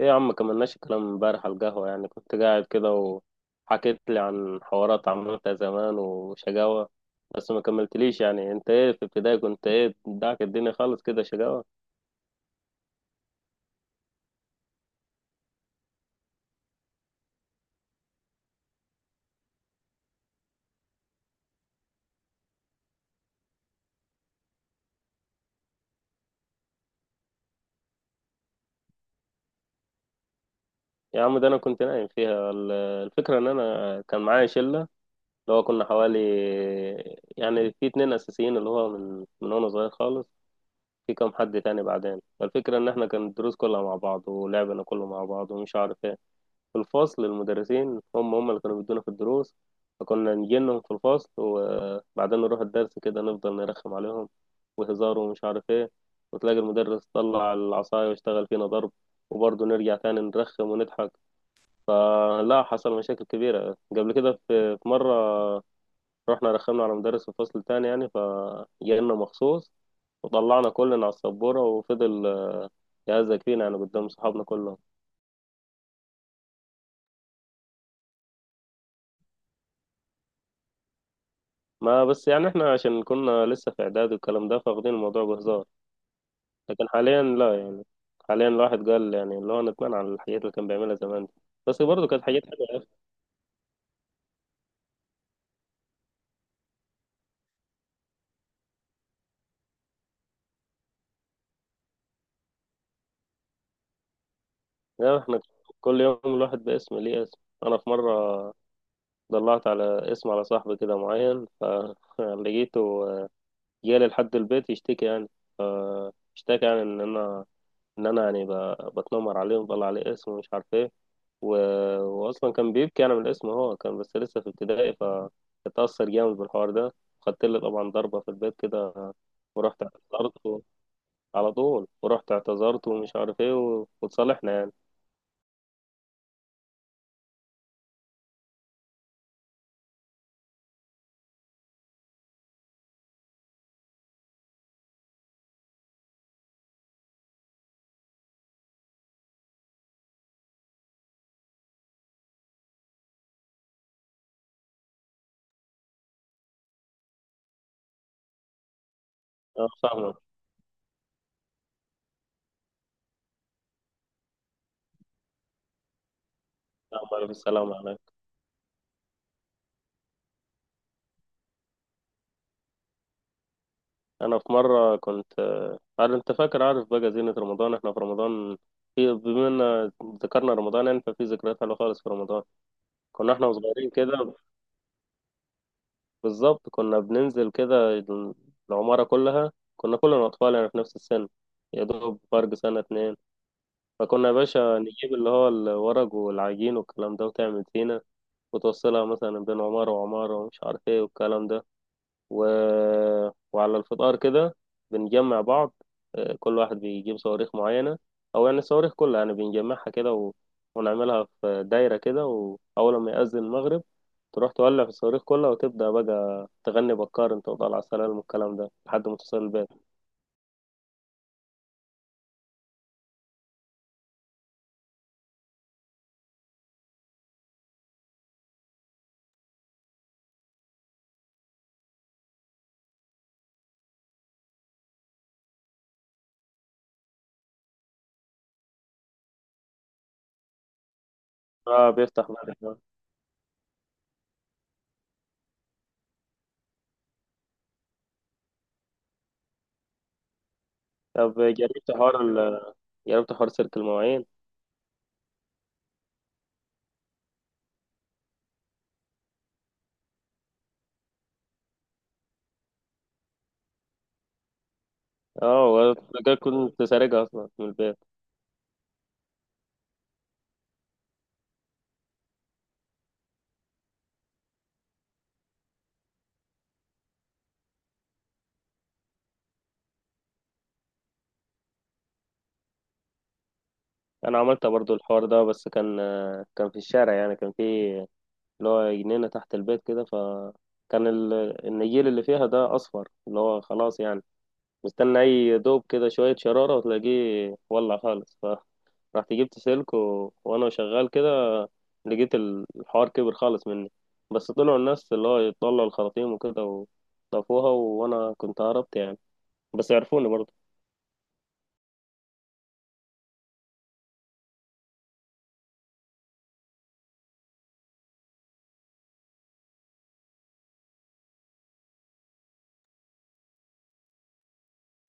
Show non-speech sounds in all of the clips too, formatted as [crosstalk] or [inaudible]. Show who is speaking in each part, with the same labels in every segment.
Speaker 1: ايه يا عم، كملناش الكلام امبارح على القهوة. يعني كنت قاعد كده وحكيت لي عن حوارات عملتها زمان وشقاوة، بس ما كملتليش. يعني انت ايه في ابتدائي؟ كنت ايه داك الدنيا؟ خالص كده شقاوة؟ يا عم ده انا كنت نايم فيها. الفكرة ان انا كان معايا شلة، اللي هو كنا حوالي، يعني في اتنين اساسيين، اللي هو من وانا صغير خالص، في كام حد تاني بعدين. فالفكرة ان احنا كان الدروس كلها مع بعض ولعبنا كله مع بعض ومش عارف ايه. في الفصل المدرسين هم اللي كانوا بيدونا في الدروس، فكنا نجي لهم في الفصل وبعدين نروح الدرس كده، نفضل نرخم عليهم وهزار ومش عارف ايه، وتلاقي المدرس طلع العصاية واشتغل فينا ضرب، وبرضه نرجع تاني نرخم ونضحك. آه، لا، حصل مشاكل كبيرة قبل كده. في مرة رحنا رخمنا على مدرس في فصل تاني، يعني فجالنا مخصوص، وطلعنا كلنا على السبورة وفضل يهزك فينا يعني قدام صحابنا كلهم. ما بس يعني احنا عشان كنا لسه في اعداد والكلام ده فاخدين الموضوع بهزار، لكن حاليا لا يعني. حاليا الواحد قال يعني اللي هو ندمان على الحاجات اللي كان بيعملها زمان دي، بس برضه كانت حاجات حلوه يا اخي. يعني احنا كل يوم الواحد باسم ليه اسم. انا في مره ضلعت على اسم على صاحبي كده معين، فلقيته [laughs] جالي لحد البيت يشتكي يعني، فاشتكى يعني ان انا، ان انا يعني بتنمر عليه وبطلع عليه اسم ومش عارف ايه و... واصلا كان بيبكي. انا من الاسم هو كان بس لسه في ابتدائي، فاتأثر جامد بالحوار ده. خدت لي طبعا ضربة في البيت كده، ورحت اعتذرت على طول ورحت اعتذرت ومش عارف ايه وتصالحنا يعني. انا فاهمك، فاهمك، الف السلام عليك. انا في مرة كنت عارف انت، فاكر، عارف بقى زينة رمضان، احنا في رمضان، في بما ان ذكرنا رمضان يعني، ففي ذكريات حلوة خالص في رمضان. كنا احنا وصغيرين كده، بالظبط كنا بننزل كده، العمارة كلها كنا كلنا أطفال يعني في نفس السن، يا دوب فرق سنة اتنين. فكنا يا باشا نجيب اللي هو الورق والعجين والكلام ده وتعمل زينة، وتوصلها مثلا بين عمارة وعمارة ومش عارف ايه والكلام ده، و... وعلى الفطار كده بنجمع بعض. آه، كل واحد بيجيب صواريخ معينة، أو يعني الصواريخ كلها يعني بنجمعها كده ونعملها في دايرة كده، وأول ما يأذن المغرب تروح تولع في الصواريخ كلها وتبدأ بقى تغني بكار انت وطالع على السلام والكلام ده لحد ما توصل البيت. اه، بيفتح بعد كده. طب جربت حوار جربت حوار سلك المواعين؟ اه، وأنا كده كنت سارقها اصلا من البيت. انا عملت برضو الحوار ده، بس كان كان في الشارع، يعني كان في اللي هو جنينة تحت البيت كده، فكان النجيل اللي فيها ده اصفر، اللي هو خلاص يعني مستني اي دوب كده شوية شرارة وتلاقيه ولع خالص. فرحت جبت سلك وانا شغال كده لقيت الحوار كبر خالص مني. بس طلعوا الناس اللي هو يطلعوا الخراطيم وكده وطفوها، وانا كنت هربت يعني، بس يعرفوني برضه.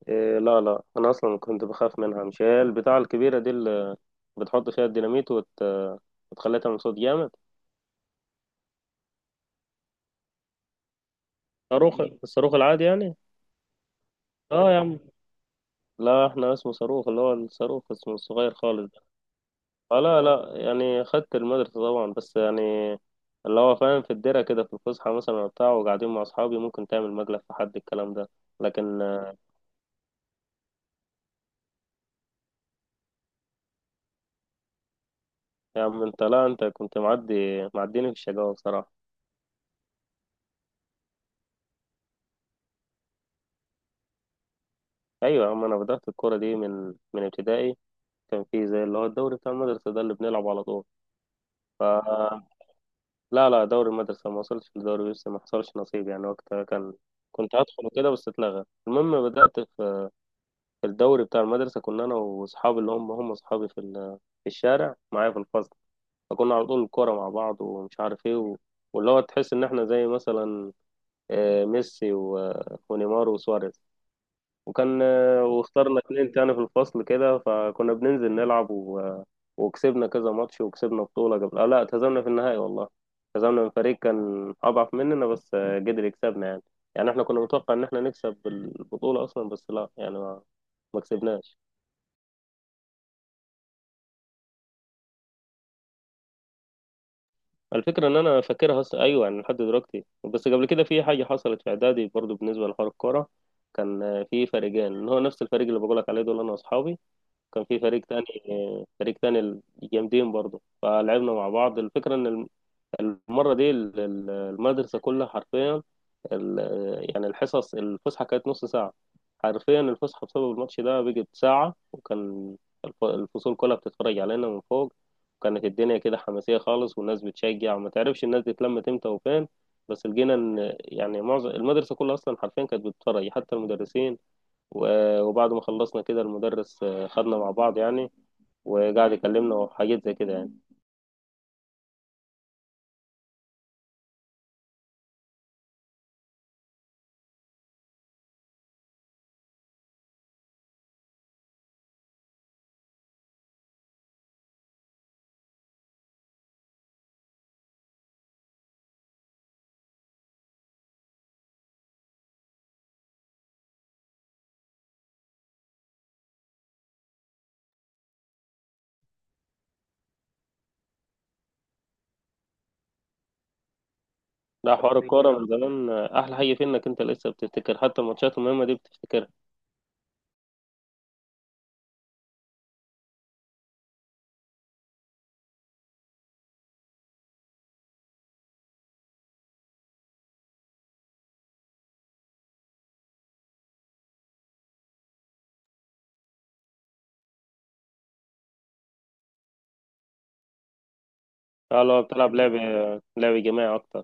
Speaker 1: إيه، لا لا، انا اصلا كنت بخاف منها. مش هي البتاعة الكبيرة دي اللي بتحط فيها الديناميت وتخليها تعمل صوت جامد؟ صاروخ، الصاروخ العادي يعني. اه يا عم، لا احنا اسمه صاروخ، اللي هو الصاروخ اسمه الصغير خالص. اه لا لا، يعني خدت المدرسة طبعا، بس يعني اللي هو فاهم في الدرة كده في الفسحة مثلا بتاع، وقاعدين مع أصحابي ممكن تعمل مجلس في حد الكلام ده. لكن يا عم، أنت، لا أنت كنت معدي، معديني في الشقاوة بصراحة. أيوة يا عم، أنا بدأت الكورة دي من ابتدائي. كان في زي اللي هو الدوري بتاع المدرسة ده اللي بنلعب على طول. ف لا لا، دوري المدرسة، ما وصلتش لدوري بس، ما حصلش نصيب يعني وقتها، كان كنت هدخل وكده بس اتلغى. المهم، بدأت في في الدوري بتاع المدرسة. كنا أنا وأصحابي اللي هم أصحابي في في الشارع معايا في الفصل، فكنا على طول الكورة مع بعض ومش عارف إيه واللي هو تحس إن إحنا زي مثلا ميسي ونيمار وسواريز. وكان واخترنا اتنين تاني في الفصل كده، فكنا بننزل نلعب وكسبنا كذا ماتش وكسبنا بطولة. قبل آه، لا، اتهزمنا في النهائي والله. اتهزمنا من فريق كان أضعف مننا بس قدر يكسبنا يعني. يعني إحنا كنا متوقع إن إحنا نكسب البطولة أصلا، بس لا يعني ما كسبناش. الفكرة إن أنا فاكرها أصلا، أيوة يعني لحد دلوقتي. بس قبل كده في حاجة حصلت في إعدادي برضو بالنسبة لحوار الكورة. كان في فريقين، اللي هو نفس الفريق اللي بقولك عليه دول أنا وأصحابي، كان في فريق تاني، فريق تاني جامدين برضو. فلعبنا مع بعض، الفكرة إن المرة دي المدرسة كلها حرفيا، ال... يعني الحصص، الفسحة كانت نص ساعة، حرفيا الفسحة بسبب الماتش ده بقت ساعة، وكان الفصول كلها بتتفرج علينا من فوق. وكانت الدنيا كده حماسية خالص، والناس بتشجع، وما تعرفش الناس دي اتلمت امتى وفين. بس لقينا ان يعني معظم المدرسة كلها اصلا حرفيا كانت بتتفرج، حتى المدرسين. وبعد ما خلصنا كده المدرس خدنا مع بعض يعني، وقعد يكلمنا وحاجات زي كده يعني. لا، حوار الكورة من زمان أحلى حاجة فيه إنك أنت لسه بتفتكر، حتى الماتشات المهمة دي بتفتكرها. اه، لو بتلعب لعب جماعي اكتر.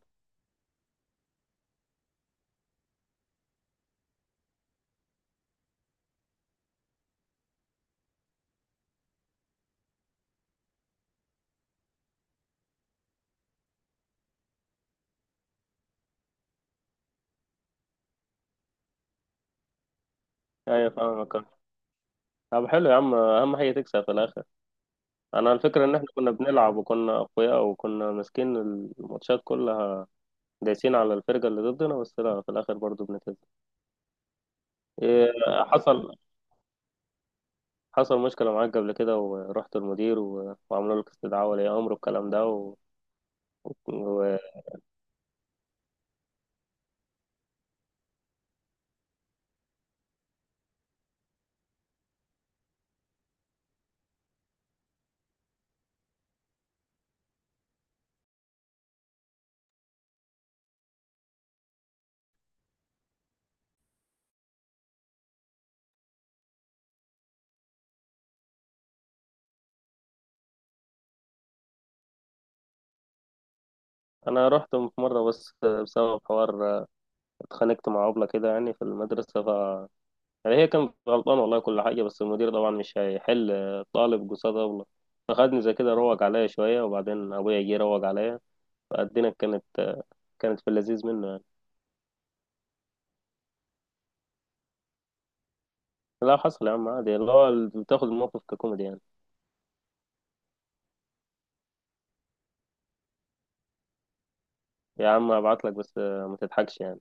Speaker 1: ايوه، فاهمك. طب حلو يا عم، اهم حاجه تكسب في الاخر. انا الفكره ان احنا كنا بنلعب وكنا اقوياء وكنا ماسكين الماتشات كلها، دايسين على الفرقه اللي ضدنا، بس لا في الاخر برضو بنتهزم. إيه، حصل، حصل مشكله معاك قبل كده ورحت المدير وعملوا لك استدعاء ولي امر والكلام ده وانا رحت في مره بس بسبب حوار. اتخانقت مع ابله كده يعني في المدرسه. يعني هي كانت غلطانة والله كل حاجة، بس المدير طبعا مش هيحل طالب قصاد أبله، فخدني زي كده روج عليا شوية، وبعدين أبويا جه روج عليا. فالدنيا كانت، كانت في اللذيذ منه يعني. لا حصل يا عم، عادي، اللي هو بتاخد الموقف ككوميدي يعني. يا عم هبعتلك، بس ما تضحكش يعني.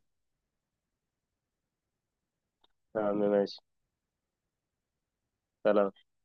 Speaker 1: يا عم ماشي. سلام.